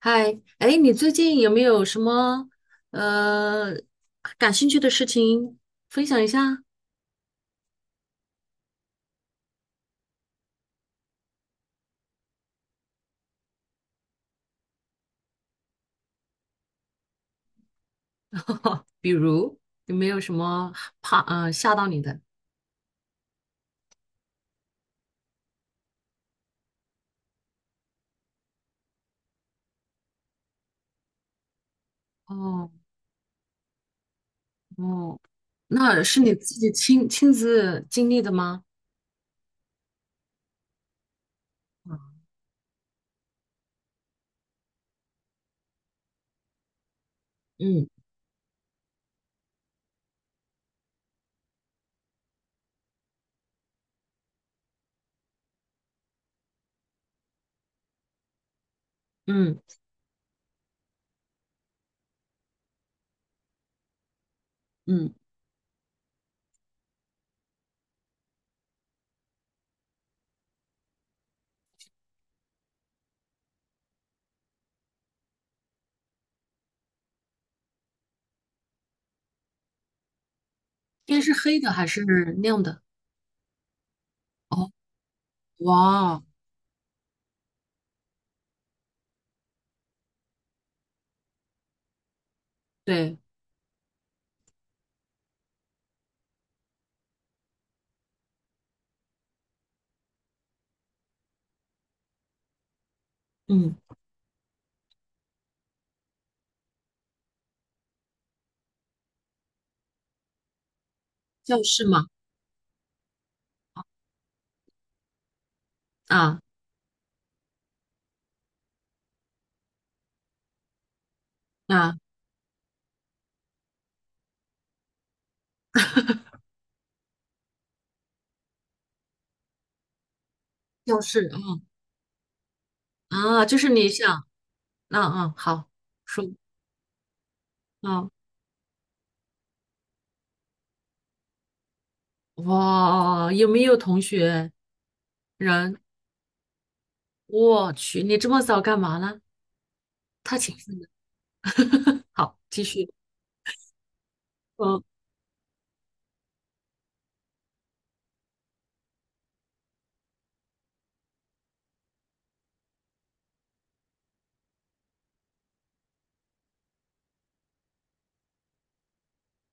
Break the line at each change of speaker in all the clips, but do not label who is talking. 嗨，哎，你最近有没有什么呃感兴趣的事情分享一下？比如有没有什么怕吓到你的？哦哦，那是你自己亲自经历的吗？啊，嗯嗯嗯，天是黑的还是亮的？哦哇，对，嗯，教室嘛，啊啊，教室啊啊，就是你想，啊嗯，好说。啊哇，有没有同学人？我去，你这么早干嘛呢？太勤奋了。好，继续。嗯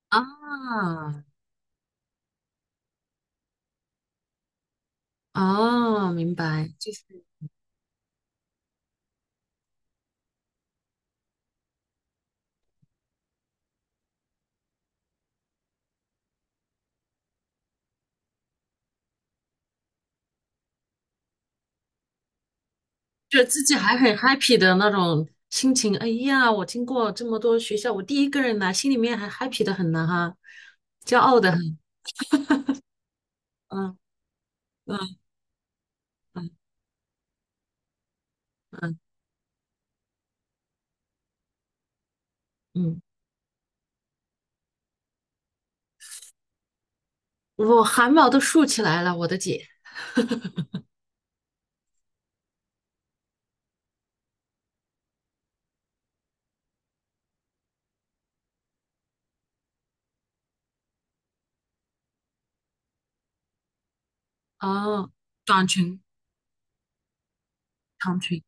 啊，啊，明白，就是觉得自己还很 happy 的那种心情。哎呀，我经过这么多学校，我第一个人来，心里面还 happy 的很呢哈，骄傲的很。嗯嗯嗯嗯嗯，我汗毛都竖起来了，我的姐。哦，短裙、长裙。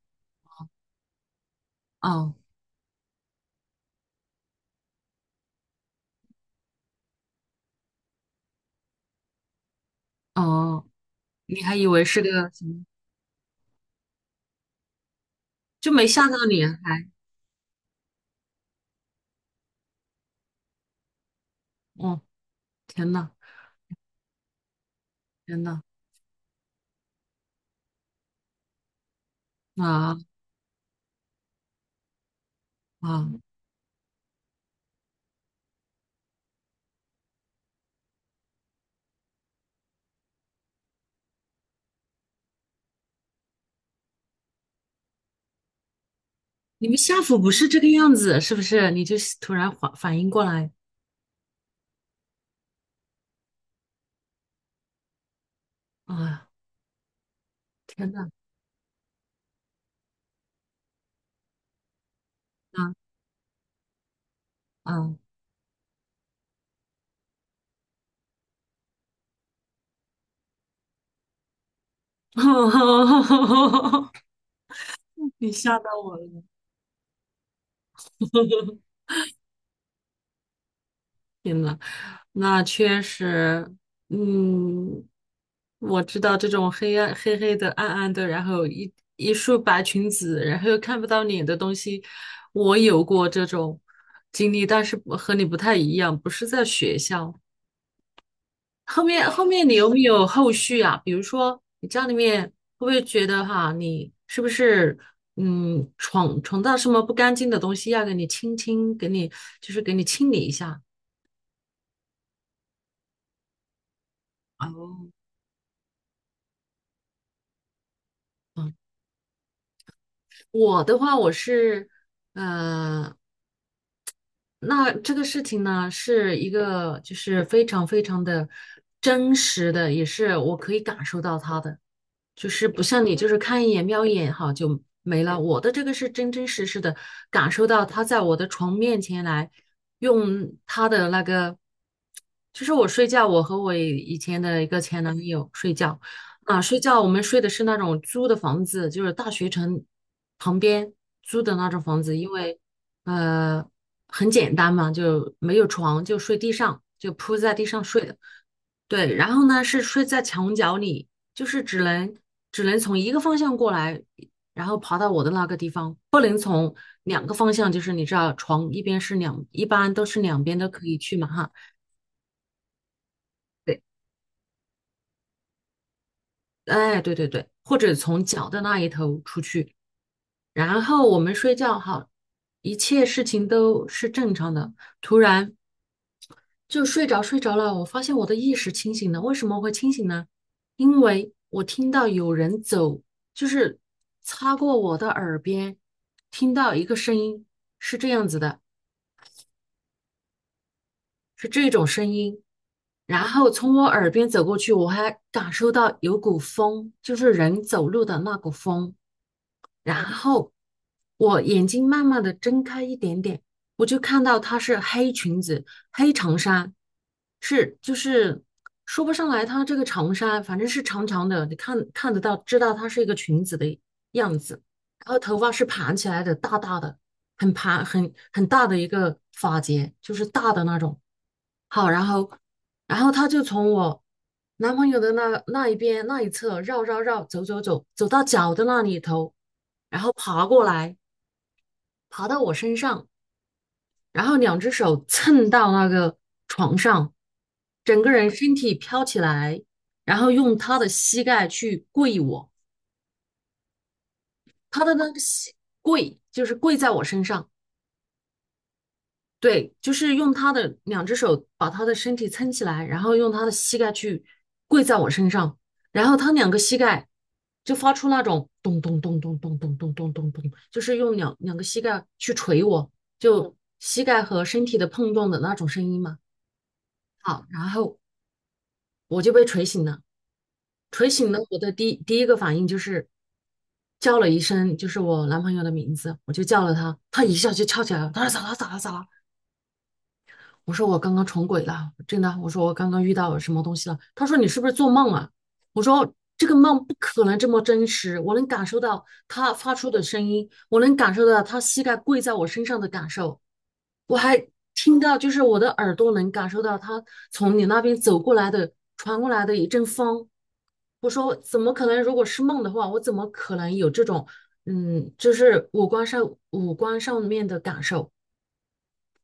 哦哦，你还以为是个什么？就没吓到你啊，还，哦天呐，天呐，啊啊！你们吓唬不是这个样子，是不是？你就是突然反应过来，啊，天呐，啊啊！你吓到我了。那确实，嗯，我知道这种黑暗、黑黑的、暗暗的，然后一束白裙子，然后又看不到脸的东西，我有过这种经历，但是不和你不太一样，不是在学校。后面后面你有没有后续啊？比如说你家里面会不会觉得哈，你是不是闯到什么不干净的东西，要给你清清，给你就是给你清理一下？我的话，我是，呃，那这个事情呢，是一个就是非常非常的真实的，也是我可以感受到它的。就是不像你，就是看一眼瞄一眼哈就没了。我的这个是真真实实的感受到他在我的床面前来用他的那个，就是我睡觉，我和我以前的一个前男友睡觉啊，睡觉我们睡的是那种租的房子，就是大学城旁边租的那种房子，因为呃很简单嘛，就没有床，就睡地上，就铺在地上睡的。对，然后呢是睡在墙角里。就是只能从一个方向过来，然后爬到我的那个地方，不能从两个方向，就是你知道床一边是两，一般都是两边都可以去嘛哈。对，哎，对对对，或者从脚的那一头出去，然后我们睡觉好，一切事情都是正常的。突然就睡着睡着了，我发现我的意识清醒了。为什么会清醒呢？因为我听到有人走，就是擦过我的耳边，听到一个声音是这样子的，是这种声音，然后从我耳边走过去，我还感受到有股风，就是人走路的那股风。然后我眼睛慢慢的睁开一点点，我就看到她是黑裙子、黑长衫，是就是说不上来她这个长衫，反正是长长的，你看看得到，知道她是一个裙子的样子。然后头发是盘起来的，大大的，很盘很大的一个发结，就是大的那种。好，然后她就从我。男朋友的那一边那一侧绕绕绕走走走，走到脚的那里头，然后爬过来，爬到我身上，然后两只手蹭到那个床上，整个人身体飘起来，然后用他的膝盖去跪我，他的那个跪就是跪在我身上。对，就是用他的两只手把他的身体撑起来，然后用他的膝盖去跪在我身上，然后他两个膝盖就发出那种咚咚咚咚咚咚咚咚咚咚，就是用两个膝盖去捶我，就膝盖和身体的碰撞的那种声音嘛。好，然后我就被捶醒了，捶醒了，我的第一个反应就是叫了一声，就是我男朋友的名字，我就叫了他，他一下就跳起来了，他说咋了咋了咋了，我说我刚刚重鬼了，真的。我说我刚刚遇到什么东西了。他说你是不是做梦啊？我说这个梦不可能这么真实，我能感受到他发出的声音，我能感受到他膝盖跪在我身上的感受，我还听到就是我的耳朵能感受到他从你那边走过来的传过来的一阵风。我说怎么可能？如果是梦的话，我怎么可能有这种就是五官上面的感受？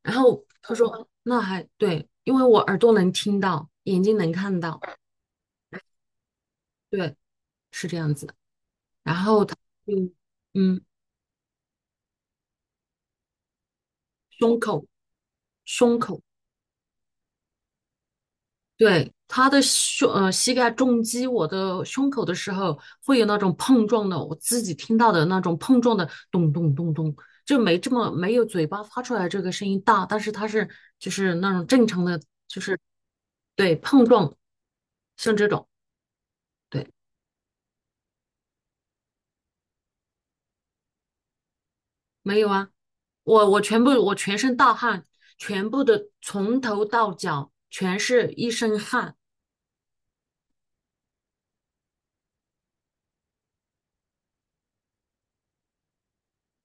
然后他说那还对，因为我耳朵能听到，眼睛能看到，对，是这样子然后他就嗯，胸口胸口，对，他的膝盖重击我的胸口的时候，会有那种碰撞的，我自己听到的那种碰撞的咚咚咚咚。就没这么没有嘴巴发出来这个声音大，但是它是就是那种正常的，就是对碰撞，像这种。对。没有啊，我全身大汗，全部的从头到脚全是一身汗。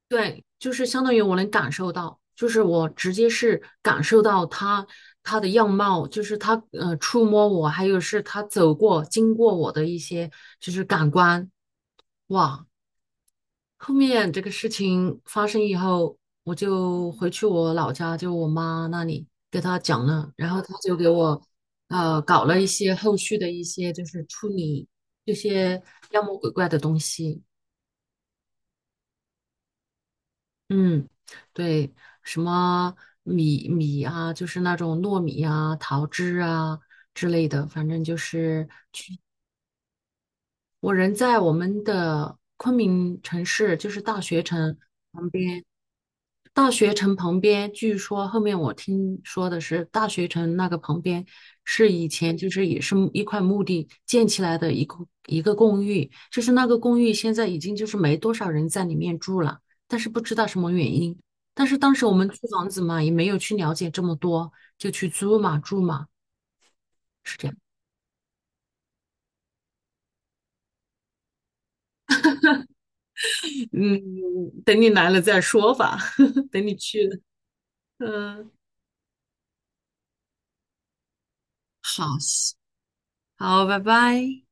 对，就是相当于我能感受到，就是我直接是感受到他的样貌，就是他触摸我，还有是他走过经过我的一些就是感官，哇，后面这个事情发生以后，我就回去我老家，就我妈那里给她讲了，然后她就给我搞了一些后续的一些就是处理这些妖魔鬼怪的东西。嗯，对，什么米米啊，就是那种糯米啊、桃汁啊之类的，反正就是我人在我们的昆明城市，就是大学城。旁边。大学城旁边，据说后面我听说的是，大学城那个旁边是以前就是也是一块墓地建起来的一个公寓，就是那个公寓现在已经就是没多少人在里面住了，但是不知道什么原因。但是当时我们租房子嘛，也没有去了解这么多，就去租嘛住嘛，是这样。嗯，等你来了再说吧，等你去了。嗯，好，好，拜拜。